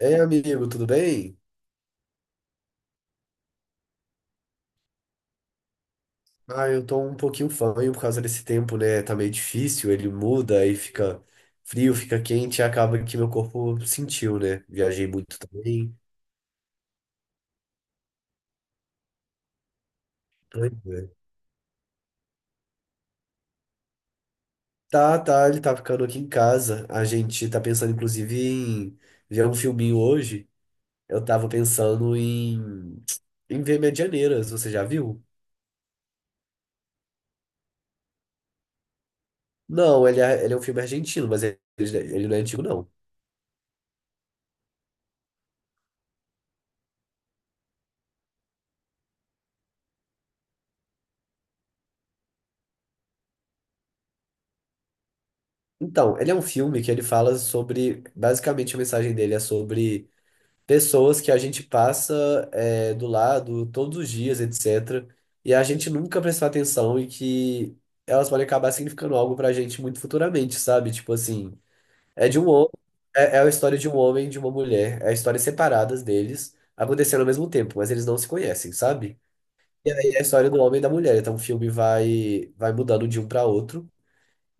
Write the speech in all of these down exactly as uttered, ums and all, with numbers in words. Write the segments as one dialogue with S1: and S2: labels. S1: Ei, amigo, tudo bem? Ah, eu tô um pouquinho fanho por causa desse tempo, né? Tá meio difícil, ele muda aí fica frio, fica quente, e acaba que meu corpo sentiu, né? Viajei muito também. Pois é. Tá, tá, ele tá ficando aqui em casa. A gente tá pensando, inclusive, em ver um filminho hoje. Eu tava pensando em, em ver Medianeiras, você já viu? Não, ele é, ele é um filme argentino, mas ele, ele não é antigo, não. Então, ele é um filme que ele fala sobre. Basicamente, a mensagem dele é sobre pessoas que a gente passa é, do lado todos os dias, etecetera. E a gente nunca prestou atenção e que elas podem acabar significando algo pra gente muito futuramente, sabe? Tipo assim, é de um homem, é, é a história de um homem e de uma mulher, é histórias separadas deles acontecendo ao mesmo tempo, mas eles não se conhecem, sabe? E aí é a história do homem e da mulher, então o filme vai vai mudando de um pra outro.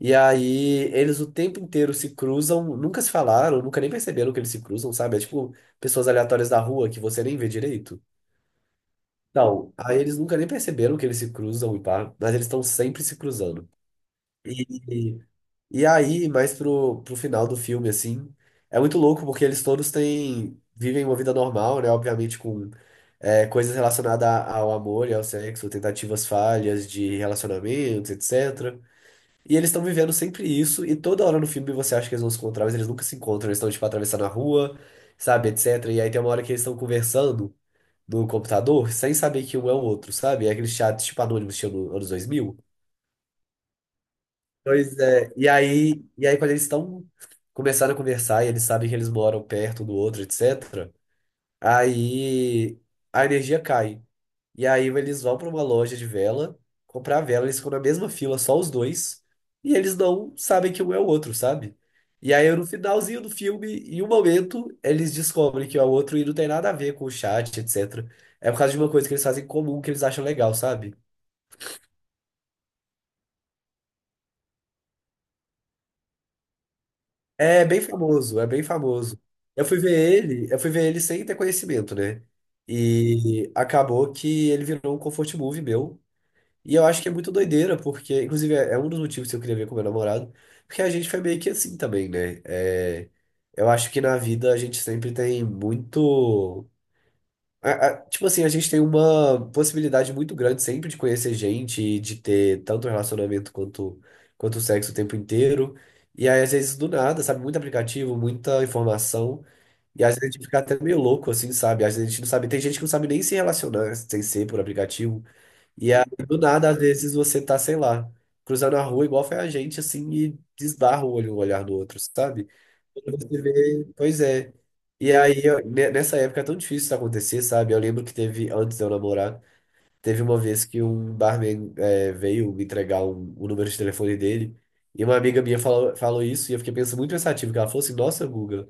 S1: E aí, eles o tempo inteiro se cruzam, nunca se falaram, nunca nem perceberam que eles se cruzam, sabe? É tipo pessoas aleatórias da rua que você nem vê direito. Não, aí eles nunca nem perceberam que eles se cruzam e pá, mas eles estão sempre se cruzando. E, e aí, mais pro, pro final do filme, assim, é muito louco porque eles todos têm, vivem uma vida normal, né? Obviamente com é, coisas relacionadas ao amor e ao sexo, tentativas falhas de relacionamentos, etecetera. E eles estão vivendo sempre isso, e toda hora no filme você acha que eles vão se encontrar, mas eles nunca se encontram, eles estão, tipo, atravessando a rua, sabe, etecetera. E aí tem uma hora que eles estão conversando no computador, sem saber que um é o outro, sabe? É aquele chat, tipo, anônimo, estilo anos dois mil. Pois é, e aí, e aí quando eles estão começando a conversar, e eles sabem que eles moram perto do outro, etecetera, aí a energia cai. E aí eles vão para uma loja de vela, comprar vela, eles ficam na mesma fila, só os dois, e eles não sabem que um é o outro, sabe? E aí no finalzinho do filme, em um momento, eles descobrem que é o outro e não tem nada a ver com o chat, etecetera. É por causa de uma coisa que eles fazem em comum que eles acham legal, sabe? É bem famoso, é bem famoso. Eu fui ver ele, eu fui ver ele sem ter conhecimento, né? E acabou que ele virou um comfort movie meu. E eu acho que é muito doideira, porque, inclusive, é é um dos motivos que eu queria ver com meu namorado, porque a gente foi meio que assim também, né? É, eu acho que na vida a gente sempre tem muito. A- a- tipo assim, a gente tem uma possibilidade muito grande sempre de conhecer gente e de ter tanto relacionamento quanto, quanto sexo o tempo inteiro. E aí, às vezes, do nada, sabe? Muito aplicativo, muita informação. E às vezes a gente fica até meio louco, assim, sabe? Às vezes a gente não sabe. Tem gente que não sabe nem se relacionar sem ser por aplicativo. E aí, do nada, às vezes você tá, sei lá, cruzando a rua igual foi a gente, assim, e desbarra o olho, o olhar do outro, sabe? Quando você vê, pois é. E aí, eu- ne- nessa época é tão difícil isso acontecer, sabe? Eu lembro que teve, antes de eu namorar, teve uma vez que um barman é, veio me entregar um- o número de telefone dele, e uma amiga minha falou, falou isso, e eu fiquei pensando muito pensativo, que ela falou assim, nossa, Guga,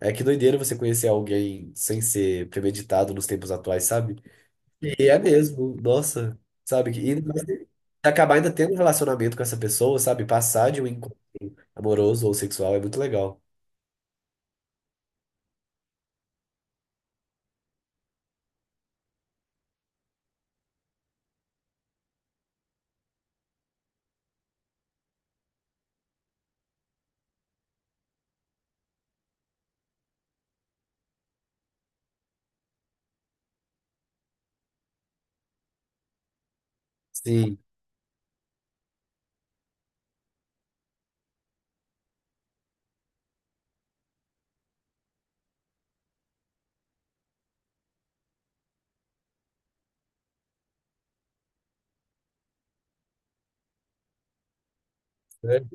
S1: é que doideira você conhecer alguém sem ser premeditado nos tempos atuais, sabe? E é mesmo, nossa, sabe? que- E mas se acabar ainda tendo um relacionamento com essa pessoa, sabe? Passar de um encontro amoroso ou sexual é muito legal. Sim, né?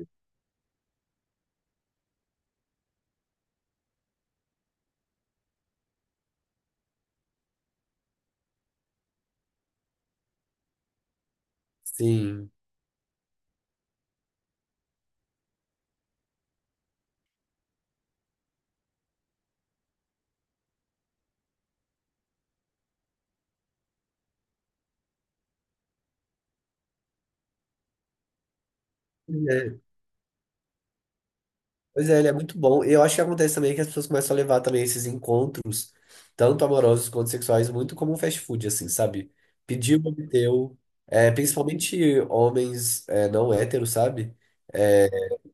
S1: Sim. É. Pois é, ele é muito bom. E eu acho que acontece também que as pessoas começam a levar também esses encontros, tanto amorosos quanto sexuais, muito como um fast food, assim, sabe? Pediu, obteu. É, principalmente homens é, não héteros, sabe? É,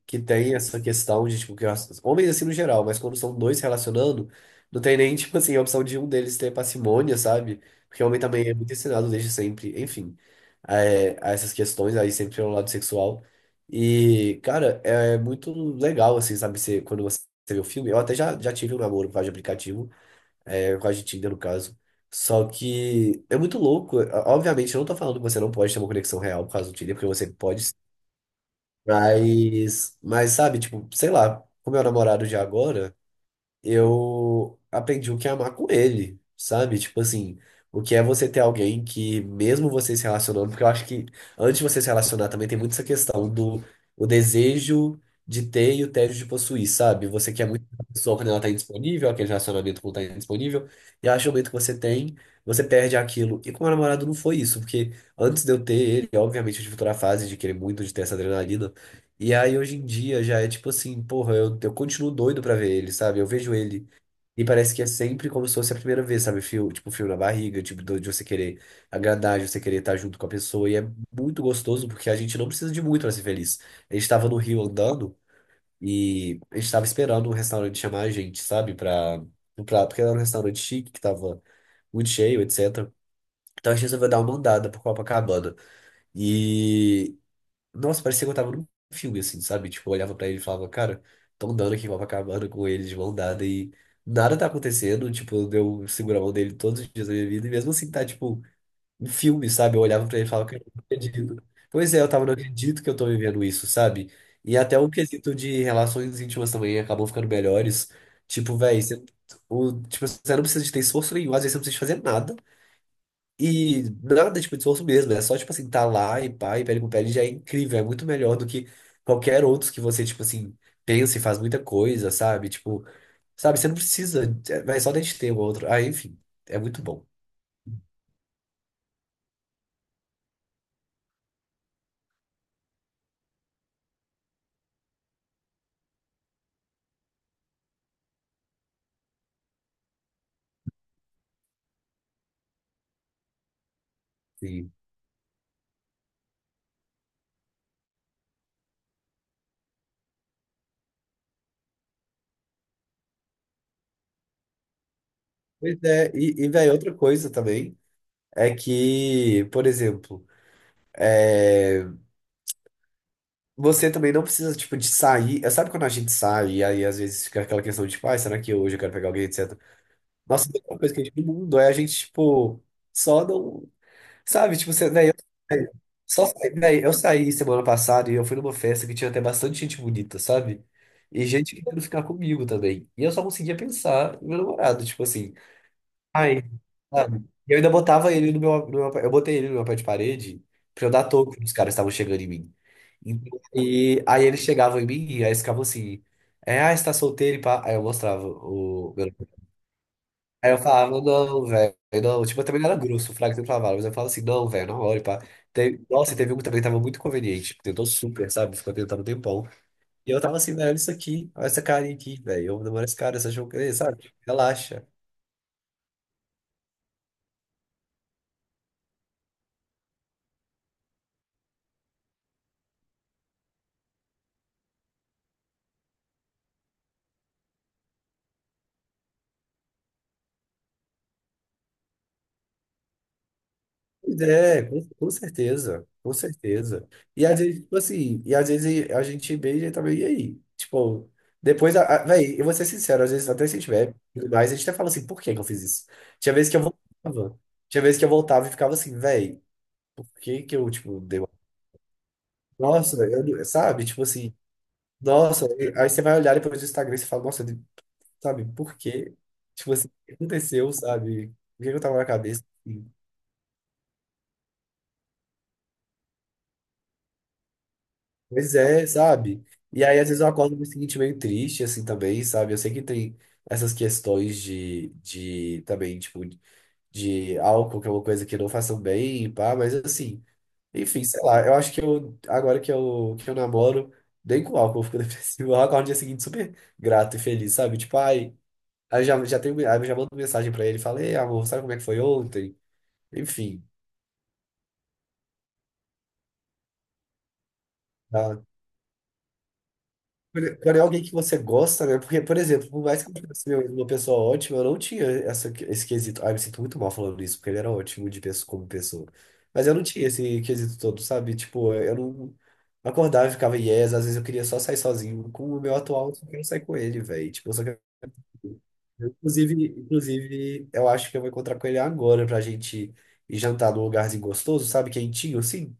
S1: que tem essa questão de, tipo, que as- homens assim no geral, mas quando são dois se relacionando, não tem nem, tipo assim, a opção de um deles ter parcimônia, sabe? Porque homem também é muito ensinado desde sempre, enfim, é, a, essas questões aí sempre pelo lado sexual. E, cara, é muito legal, assim, sabe? Você, quando você vê o filme, eu até já, já tive um namoro por causa de aplicativo, é, por causa de Tinder, no caso. Só que é muito louco. Obviamente, eu não tô falando que você não pode ter uma conexão real por causa do Tinder, porque você pode mas, mas sabe, tipo, sei lá, com meu namorado de agora, eu aprendi o que é amar com ele, sabe? Tipo assim, o que é você ter alguém que, mesmo você se relacionando, porque eu acho que antes de você se relacionar também tem muito essa questão do o desejo de ter e o tédio de possuir, sabe? Você quer muito a pessoa quando ela tá indisponível, aquele relacionamento quando tá indisponível, e acho que o momento que você tem, você perde aquilo. E com meu namorado não foi isso, porque antes de eu ter ele, obviamente eu tive toda a fase de querer muito, de ter essa adrenalina. E aí hoje em dia já é tipo assim, porra, eu, eu continuo doido pra ver ele, sabe? Eu vejo ele e parece que é sempre como se fosse a primeira vez, sabe? Fio, tipo, fio na barriga, tipo, do- de você querer agradar, de você querer estar junto com a pessoa. E é muito gostoso porque a gente não precisa de muito pra ser feliz. A gente tava no Rio andando e a gente tava esperando um restaurante chamar a gente, sabe? Pra, pra, porque era um restaurante chique que tava muito cheio, etecetera. Então a gente resolveu dar uma andada por Copacabana. E, nossa, parecia que eu tava num filme, assim, sabe? Tipo, eu olhava pra ele e falava, cara, tão dando aqui em Copacabana com ele de mão dada e nada tá acontecendo. Tipo, eu seguro a mão dele todos os dias da minha vida e mesmo assim tá, tipo, um filme, sabe? Eu olhava pra ele e falava, cara, eu não acredito. Pois é, eu tava, não acredito que eu tô vivendo isso, sabe? E até o quesito de relações íntimas também acabou ficando melhores. Tipo, véi, você, o, tipo, você não precisa de ter esforço nenhum, às vezes você não precisa de fazer nada. E nada, tipo, de esforço mesmo. É só, tipo assim, tá lá e pá, e pele com pele já é incrível. É muito melhor do que qualquer outro que você, tipo assim, pensa e faz muita coisa, sabe? Tipo, sabe, você não precisa, é- vai só da gente ter o outro. Ah, enfim, é muito bom. Sim. Pois é, e, e velho, outra coisa também é que, por exemplo, você também não precisa, tipo, de sair. É, sabe quando a gente sai e aí às vezes fica aquela questão de, tipo, ah, será que hoje eu quero pegar alguém, etecetera. Nossa, a melhor coisa que a gente tem no mundo é a gente, tipo, só não. Sabe, tipo, você, véi, eu, só, saí- véi, eu saí semana passada e eu fui numa festa que tinha até bastante gente bonita, sabe? E gente querendo ficar comigo também. E eu só conseguia pensar no meu namorado, tipo assim, ai, sabe? E eu ainda botava ele no meu, no meu- eu botei ele no meu pé de parede pra eu dar toco que os caras estavam chegando em mim. Então, e aí eles chegavam em mim e aí eles ficavam assim, é, ah, você tá solteiro e pá. Aí eu mostrava o meu. Aí eu falava, não, velho, não. Tipo, eu também não era grosso, o Fraga sempre falava, mas eu falava assim, não, velho, não olha, pá. Teve- Nossa, e teve um que também tava muito conveniente, tentou super, sabe? Ficou tentando um tempão. E eu tava assim, velho, olha isso aqui, olha essa carinha aqui, velho, eu namoro esse cara, essa jogo, sabe? Relaxa. Pois é, com, com certeza, com certeza. E às vezes, tipo assim, e às vezes a gente beija também, e aí? Tipo, depois, a, a, velho, eu vou ser sincero, às vezes até se a gente bebe, e tudo mais, a gente até fala assim, por que que eu fiz isso? Tinha vezes que eu voltava, tinha vezes que eu voltava e ficava assim, velho. Por que que eu, tipo, deu. Nossa, eu, sabe? Tipo assim, nossa, aí você vai olhar depois do Instagram e você fala, nossa, de- sabe, por quê? Tipo assim, o que aconteceu, sabe? O que que eu tava na cabeça? E, pois é, sabe? E aí, às vezes, eu acordo no dia seguinte meio triste, assim, também, sabe? Eu sei que tem essas questões de, de também, tipo, de álcool, que é uma coisa que não façam bem, pá, mas assim. Enfim, sei lá, eu acho que eu, agora que eu, que eu namoro, nem com álcool eu fico depressivo. O álcool no dia seguinte super grato e feliz, sabe? Tipo, ai, aí já, já tenho, aí eu já mando mensagem pra ele, falei, amor, sabe como é que foi ontem? Enfim, dá, quando quando é alguém que você gosta, né? Porque, por exemplo, por mais que eu fosse meu- uma pessoa ótima, eu não tinha essa, esse quesito. Ah, eu me sinto muito mal falando isso, porque ele era ótimo de pessoa, como pessoa. Mas eu não tinha esse quesito todo, sabe? Tipo, eu não acordava e ficava yes, às vezes eu queria só sair sozinho. Com o meu atual, eu só quero sair com ele, velho. Tipo, eu só quero... Eu, inclusive, inclusive, eu acho que eu vou encontrar com ele agora pra gente ir jantar num lugarzinho gostoso, sabe? Quentinho, assim.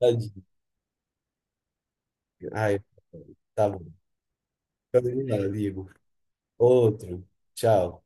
S1: Tadinho. Ai, tá bom. Então, vamos lá, amigo. Outro. Tchau.